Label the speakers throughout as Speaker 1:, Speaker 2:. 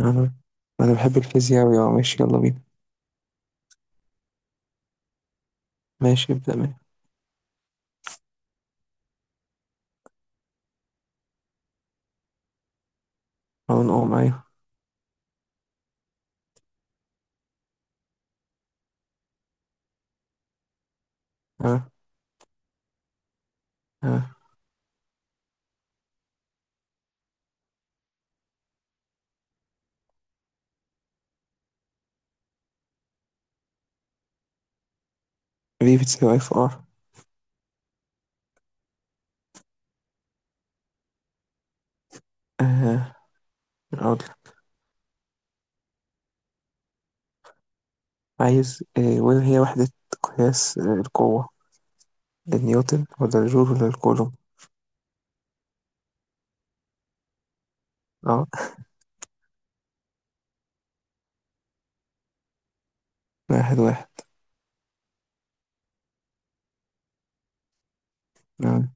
Speaker 1: أنا أنا بحب الفيزياء أوي. ماشي، يلا بينا. ماشي، ابدأ من. أو نقوم معايا. أه أه في بتساوي اف ار. أه أقول لك. عايز وين هي وحدة قياس القوة، النيوتن ولا الجول ولا الكولوم؟ أه، 1-1. أه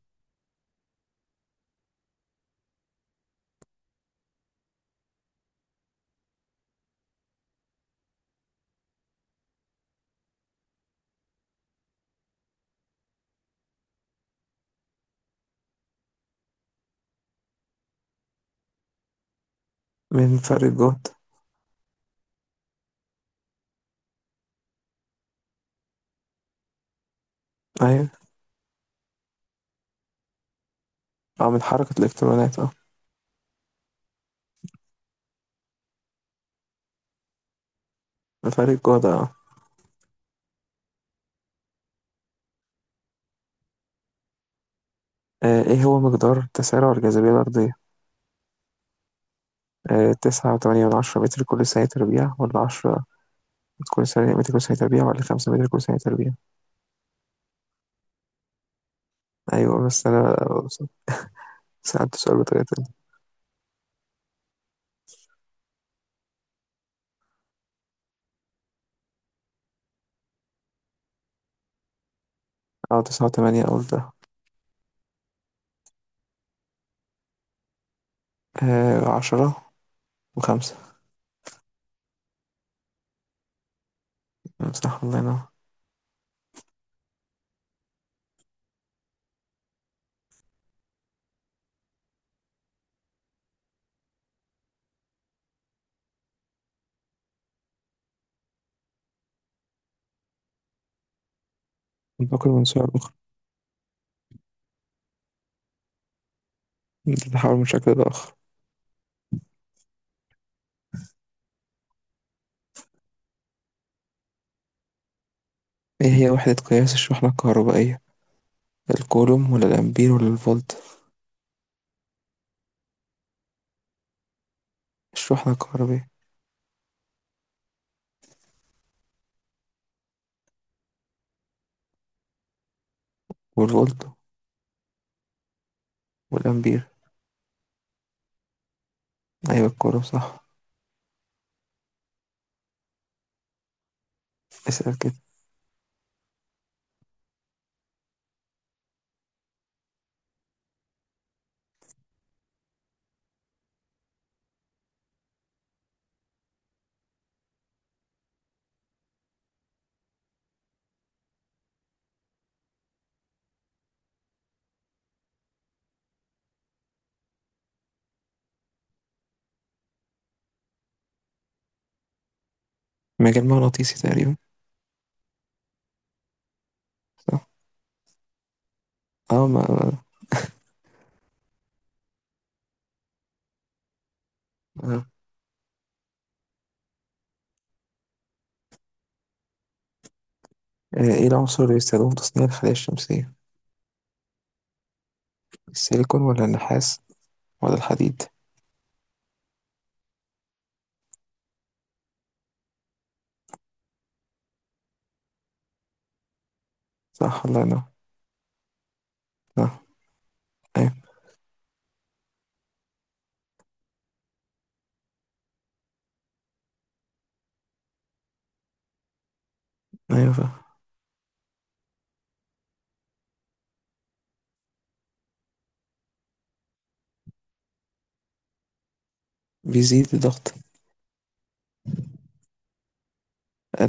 Speaker 1: من فرق الجهد. أيوة. من حركة الإلكترونات. من فرق الجهد. أه آه، إيه هو مقدار تسارع الجاذبية الأرضية؟ 9.8 متر كل ثانية تربيع، ولا 10 متر كل ثانية متر كل ثانية تربيع، ولا 5 متر كل ثانية تربيع؟ أيوة، بس أنا سألت سؤال بطريقة تانية. تسعة وتمانية قلتها. آه، 10 وخمسة. صح، الله ينور. ننتقل من سؤال أخرى. تتحول من شكل لآخر. إيه هي وحدة قياس الشحنة الكهربائية؟ الكولوم ولا الأمبير ولا الفولت؟ الشحنة الكهربائية. والفولت. والأمبير. أيوة، الكولوم صح. اسأل كده. مجال مغناطيسي تقريبا. صح. اه ما ما- آه. ايه العنصر اللي بيستخدمه في تصنيع الخلايا الشمسية؟ السيليكون ولا النحاس ولا الحديد؟ صح، الله ينور. صح. ايوه، ايوه، فاهم. بيزيد الضغط.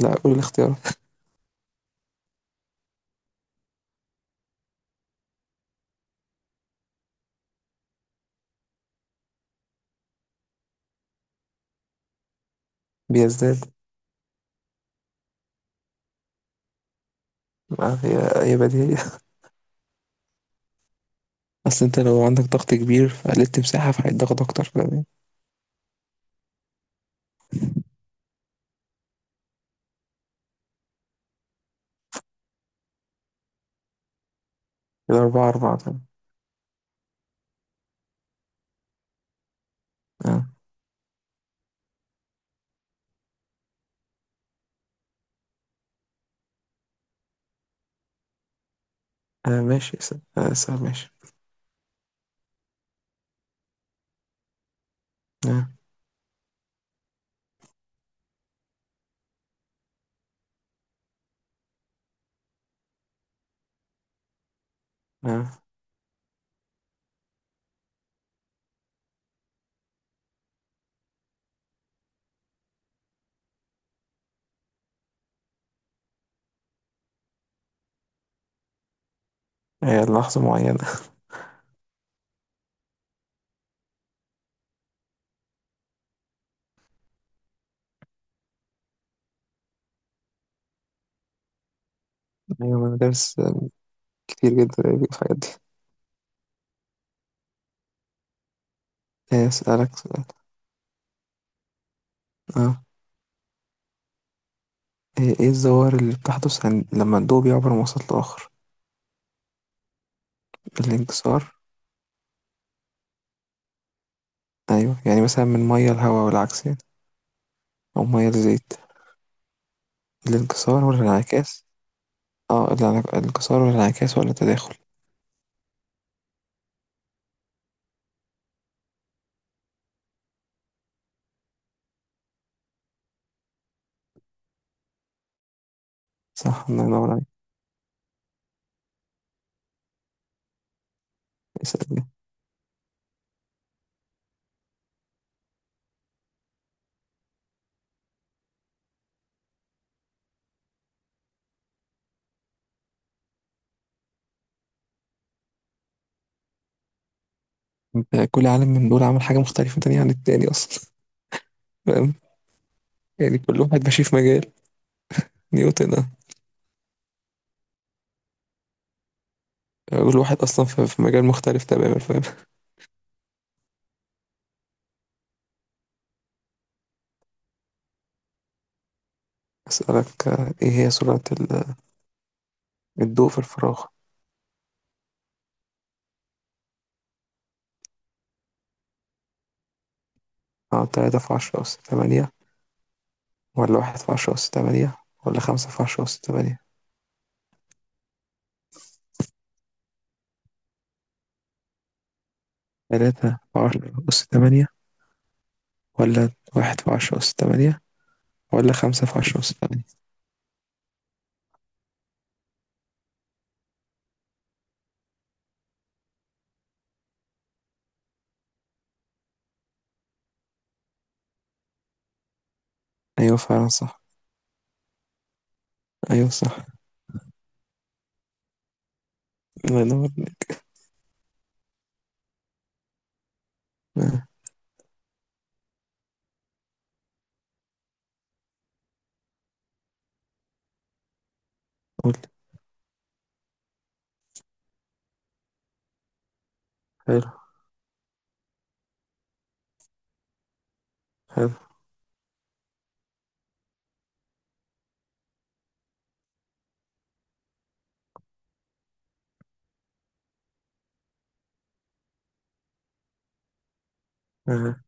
Speaker 1: لأ، قول الاختيارات. بيزداد. ما هي هي بديهية. أصل أنت لو عندك ضغط كبير فقللت مساحة، فهيتضغط أكتر، فاهم. كده 4-4، تمام. آه. ماشي. آه. آه. هي لحظة معينة. أيوة، ما أنا دارس كتير جدا في الحاجات دي. أسألك سؤال. آه. إيه الظواهر اللي بتحدث عن لما الضوء بيعبر من وسط لآخر؟ الانكسار. أيوة، يعني مثلا من مية لهواء والعكس يعني. أو مية لزيت. الانكسار والانعكاس. الانكسار ولا الانعكاس ولا التداخل؟ صح، الله ينور عليك. يسألني. انت كل عالم من دول عمل حاجة مختلفة تانية عن التاني أصلا. فاهم. يعني كل واحد ماشي في مجال. نيوتن ده. كل واحد أصلا في مجال مختلف تماما، فاهم. أسألك، إيه هي سرعة الضوء في الفراغ؟ اه 3×10^8، ولا 1×10^8، ولا 5×10^8؟ 3×10^8، ولا واحد في عشرة أس تمانية، ولا خمسة في عشرة أس تمانية؟ أيوة فعلا صح. أيوة صح. الله ينور. آه، قول. حلو. حلو. آه،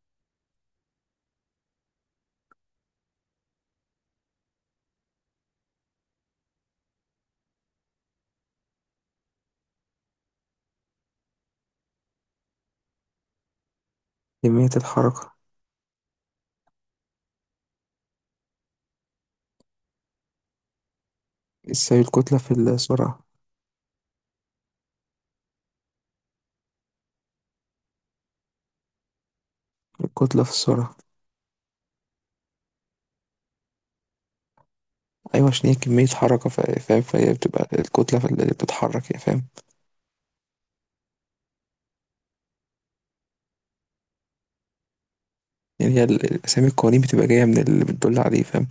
Speaker 1: كمية الحركة. ازاي؟ الكتلة في السرعة. الكتلة في السرعة. أيوة، عشان هي كمية حركة، فاهم. فهي بتبقى الكتلة في اللي بتتحرك، يعني فاهم. يعني هي أسامي القوانين بتبقى جاية من اللي بتدل عليه، فاهم.